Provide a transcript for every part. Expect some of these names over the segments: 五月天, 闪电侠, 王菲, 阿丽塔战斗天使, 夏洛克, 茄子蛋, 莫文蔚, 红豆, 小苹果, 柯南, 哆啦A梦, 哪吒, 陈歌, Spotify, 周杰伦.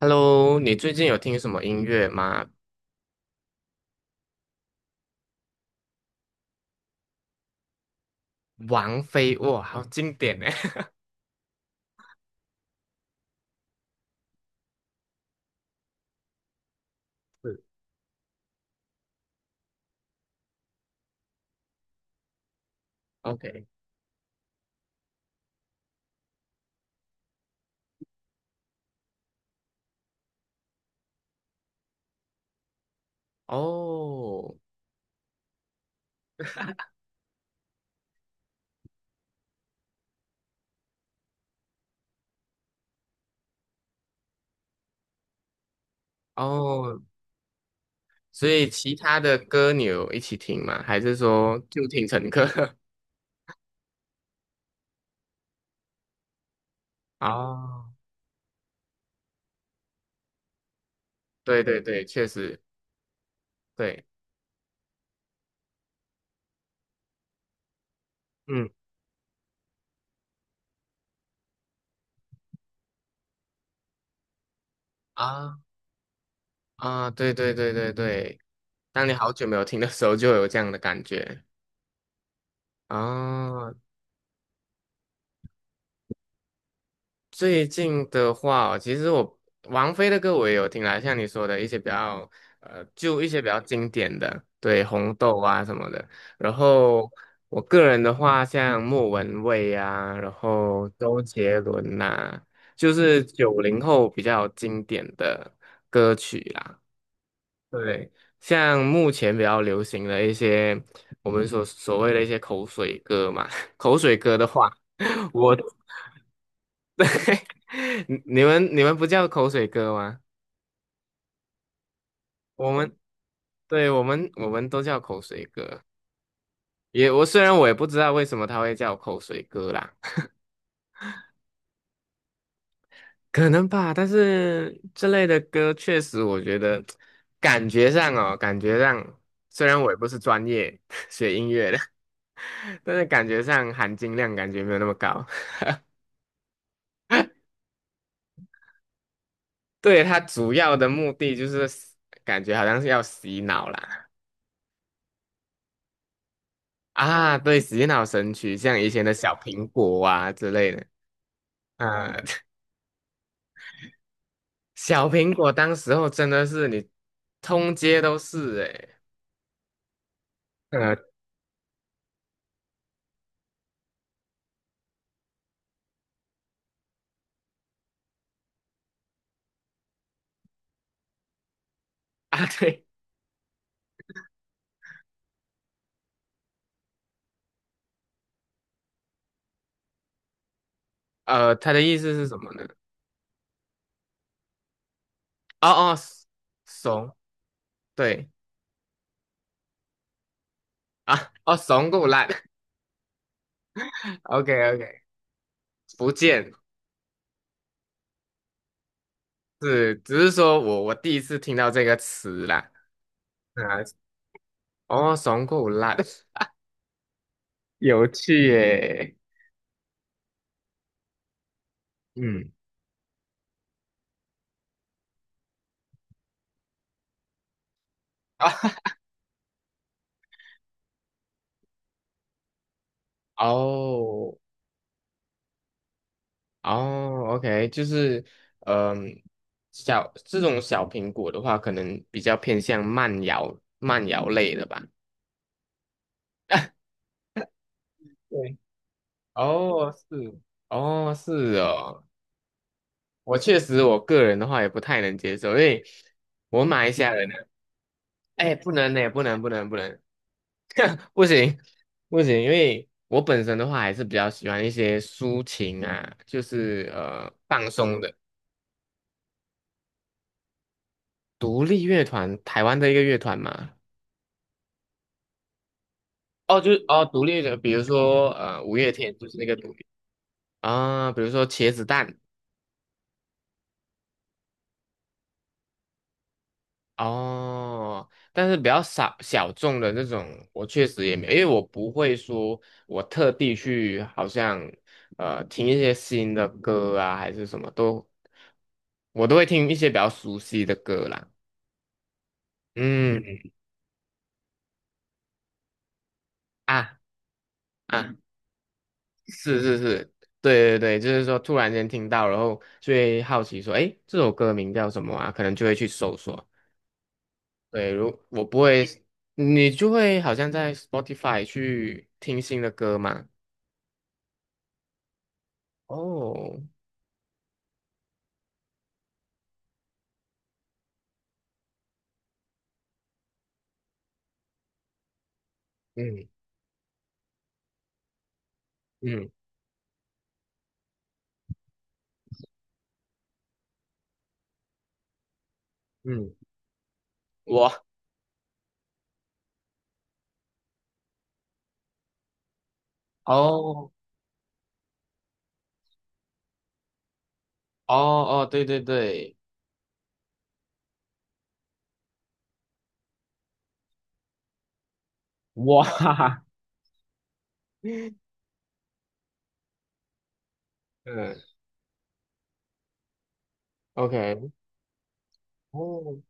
Hello，你最近有听什么音乐吗？王菲，哇，好经典呢。是 OK，哦哦，所以其他的歌你有一起听吗？还是说就听陈歌？哦，对对对，确实，对，嗯啊啊，对对对对对，当你好久没有听的时候，就有这样的感觉啊。哦最近的话哦其实我王菲的歌我也有听啦，像你说的一些比较就一些比较经典的，对，《红豆》啊什么的。然后我个人的话，像莫文蔚啊，然后周杰伦呐、就是90后比较经典的歌曲啦。对，像目前比较流行的一些我们所谓的一些口水歌嘛，口水歌的话。我。你们不叫口水歌吗？我们对我们都叫口水歌。虽然我也不知道为什么他会叫口水歌啦，可能吧。但是这类的歌确实，我觉得感觉上虽然我也不是专业 学音乐的，但是感觉上含金量感觉没有那么高。对，它主要的目的就是感觉好像是要洗脑啦。啊，对，洗脑神曲，像以前的小苹果啊之类的。呃，小苹果当时候真的是你通街都是诶、呃 啊对，他的意思是什么呢？哦哦，怂，对啊，哦怂够烂 ，OK OK，福建是，只是说我第一次听到这个词啦，啊、哦怂够烂，有趣耶、嗯啊 哦哦，OK，就是，嗯、这种小苹果的话，可能比较偏向慢摇慢摇类的吧。对，哦，是，哦，是哦，我确实，我个人的话也不太能接受，因为我马来西亚人呢，哎，不能呢，不能，不能，不能，不行，不行，因为我本身的话还是比较喜欢一些抒情啊，就是放松的独立乐团，台湾的一个乐团嘛，哦，就是哦，独立的，比如说五月天就是那个独立啊，比如说茄子蛋哦，但是比较少小众的那种，我确实也没有，因为我不会说我特地去好像听一些新的歌啊，还是什么都，我都会听一些比较熟悉的歌啦。嗯啊啊，是是是，对对对，就是说突然间听到，然后就会好奇说，诶，这首歌名叫什么啊？可能就会去搜索。对，如我不会，你就会好像在 Spotify 去听新的歌嘛。哦，嗯嗯嗯，我哦哦哦，对对对，哇，哈哈，嗯，OK，哦，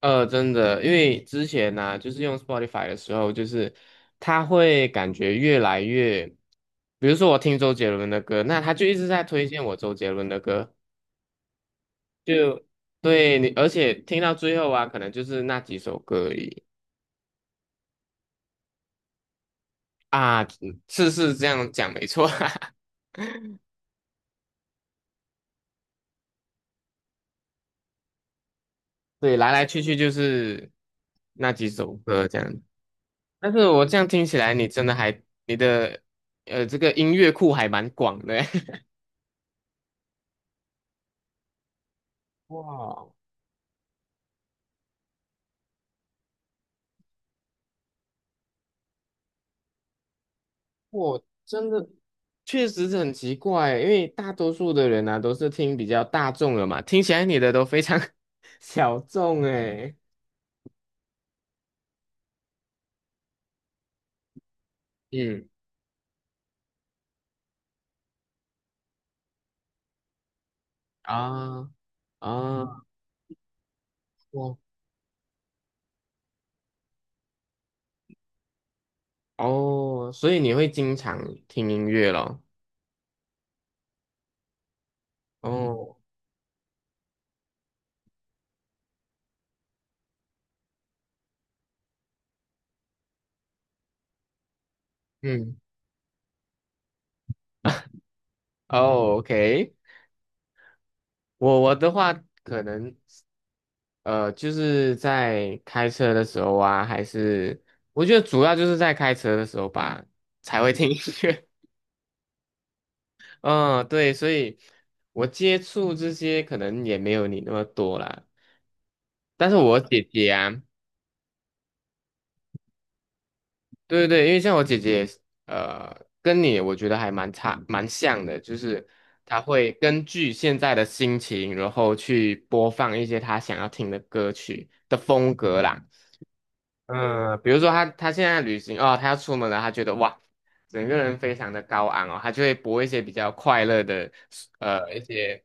真的，因为之前呢、就是用 Spotify 的时候，就是它会感觉越来越，比如说我听周杰伦的歌，那他就一直在推荐我周杰伦的歌。就对你，而且听到最后啊，可能就是那几首歌而已啊，次是这样讲没错啊，对，来来去去就是那几首歌这样。但是我这样听起来，你真的还你的这个音乐库还蛮广的欸。哇，我真的确实是很奇怪，因为大多数的人呢都是听比较大众的嘛，听起来你的都非常 小众哎。嗯啊啊，哇哦，所以你会经常听音乐咯？嗯哦，嗯，哦，OK，我的话可能就是在开车的时候啊，还是我觉得主要就是在开车的时候吧才会听音乐。嗯，对，所以我接触这些可能也没有你那么多啦。但是我姐姐啊。对对对，因为像我姐姐也是呃，跟你我觉得还蛮像的，就是她会根据现在的心情，然后去播放一些她想要听的歌曲的风格啦。嗯，比如说她现在旅行哦，她要出门了，她觉得哇，整个人非常的高昂哦，她就会播一些比较快乐的，一些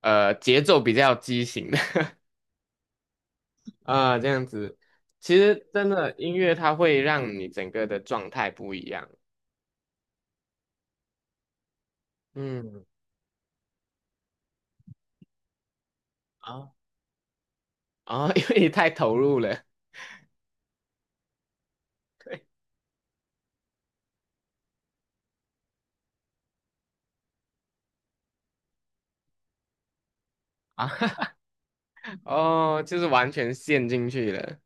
节奏比较畸形的 啊、这样子。其实真的音乐它会让你整个的状态不一样。嗯。啊。啊、因为你太投入了，对，啊。哦，就是完全陷进去了。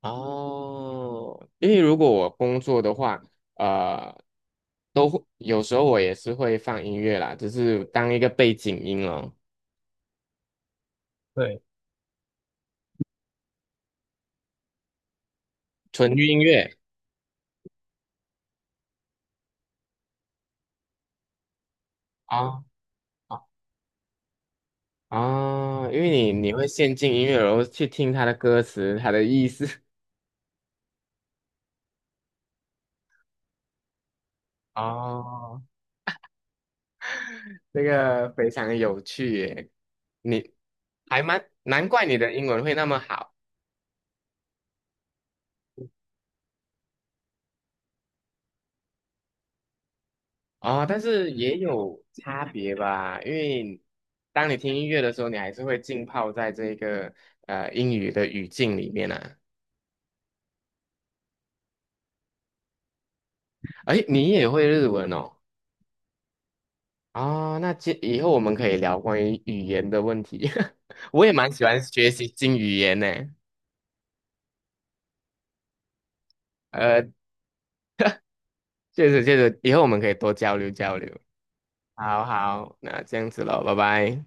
哦，因为如果我工作的话，呃，都会有时候我也是会放音乐啦，只是当一个背景音哦，对，纯音乐啊啊啊，因为你会陷进音乐，然后去听它的歌词、它的意思。哦，这个非常有趣耶，你还蛮难怪你的英文会那么好。啊，但是也有差别吧，因为当你听音乐的时候，你还是会浸泡在这个英语的语境里面啊。哎，你也会日文哦？啊、那接以后我们可以聊关于语言的问题。我也蛮喜欢学习新语言呢。呃，确实确实，以后我们可以多交流交流。好好，那这样子喽，拜拜。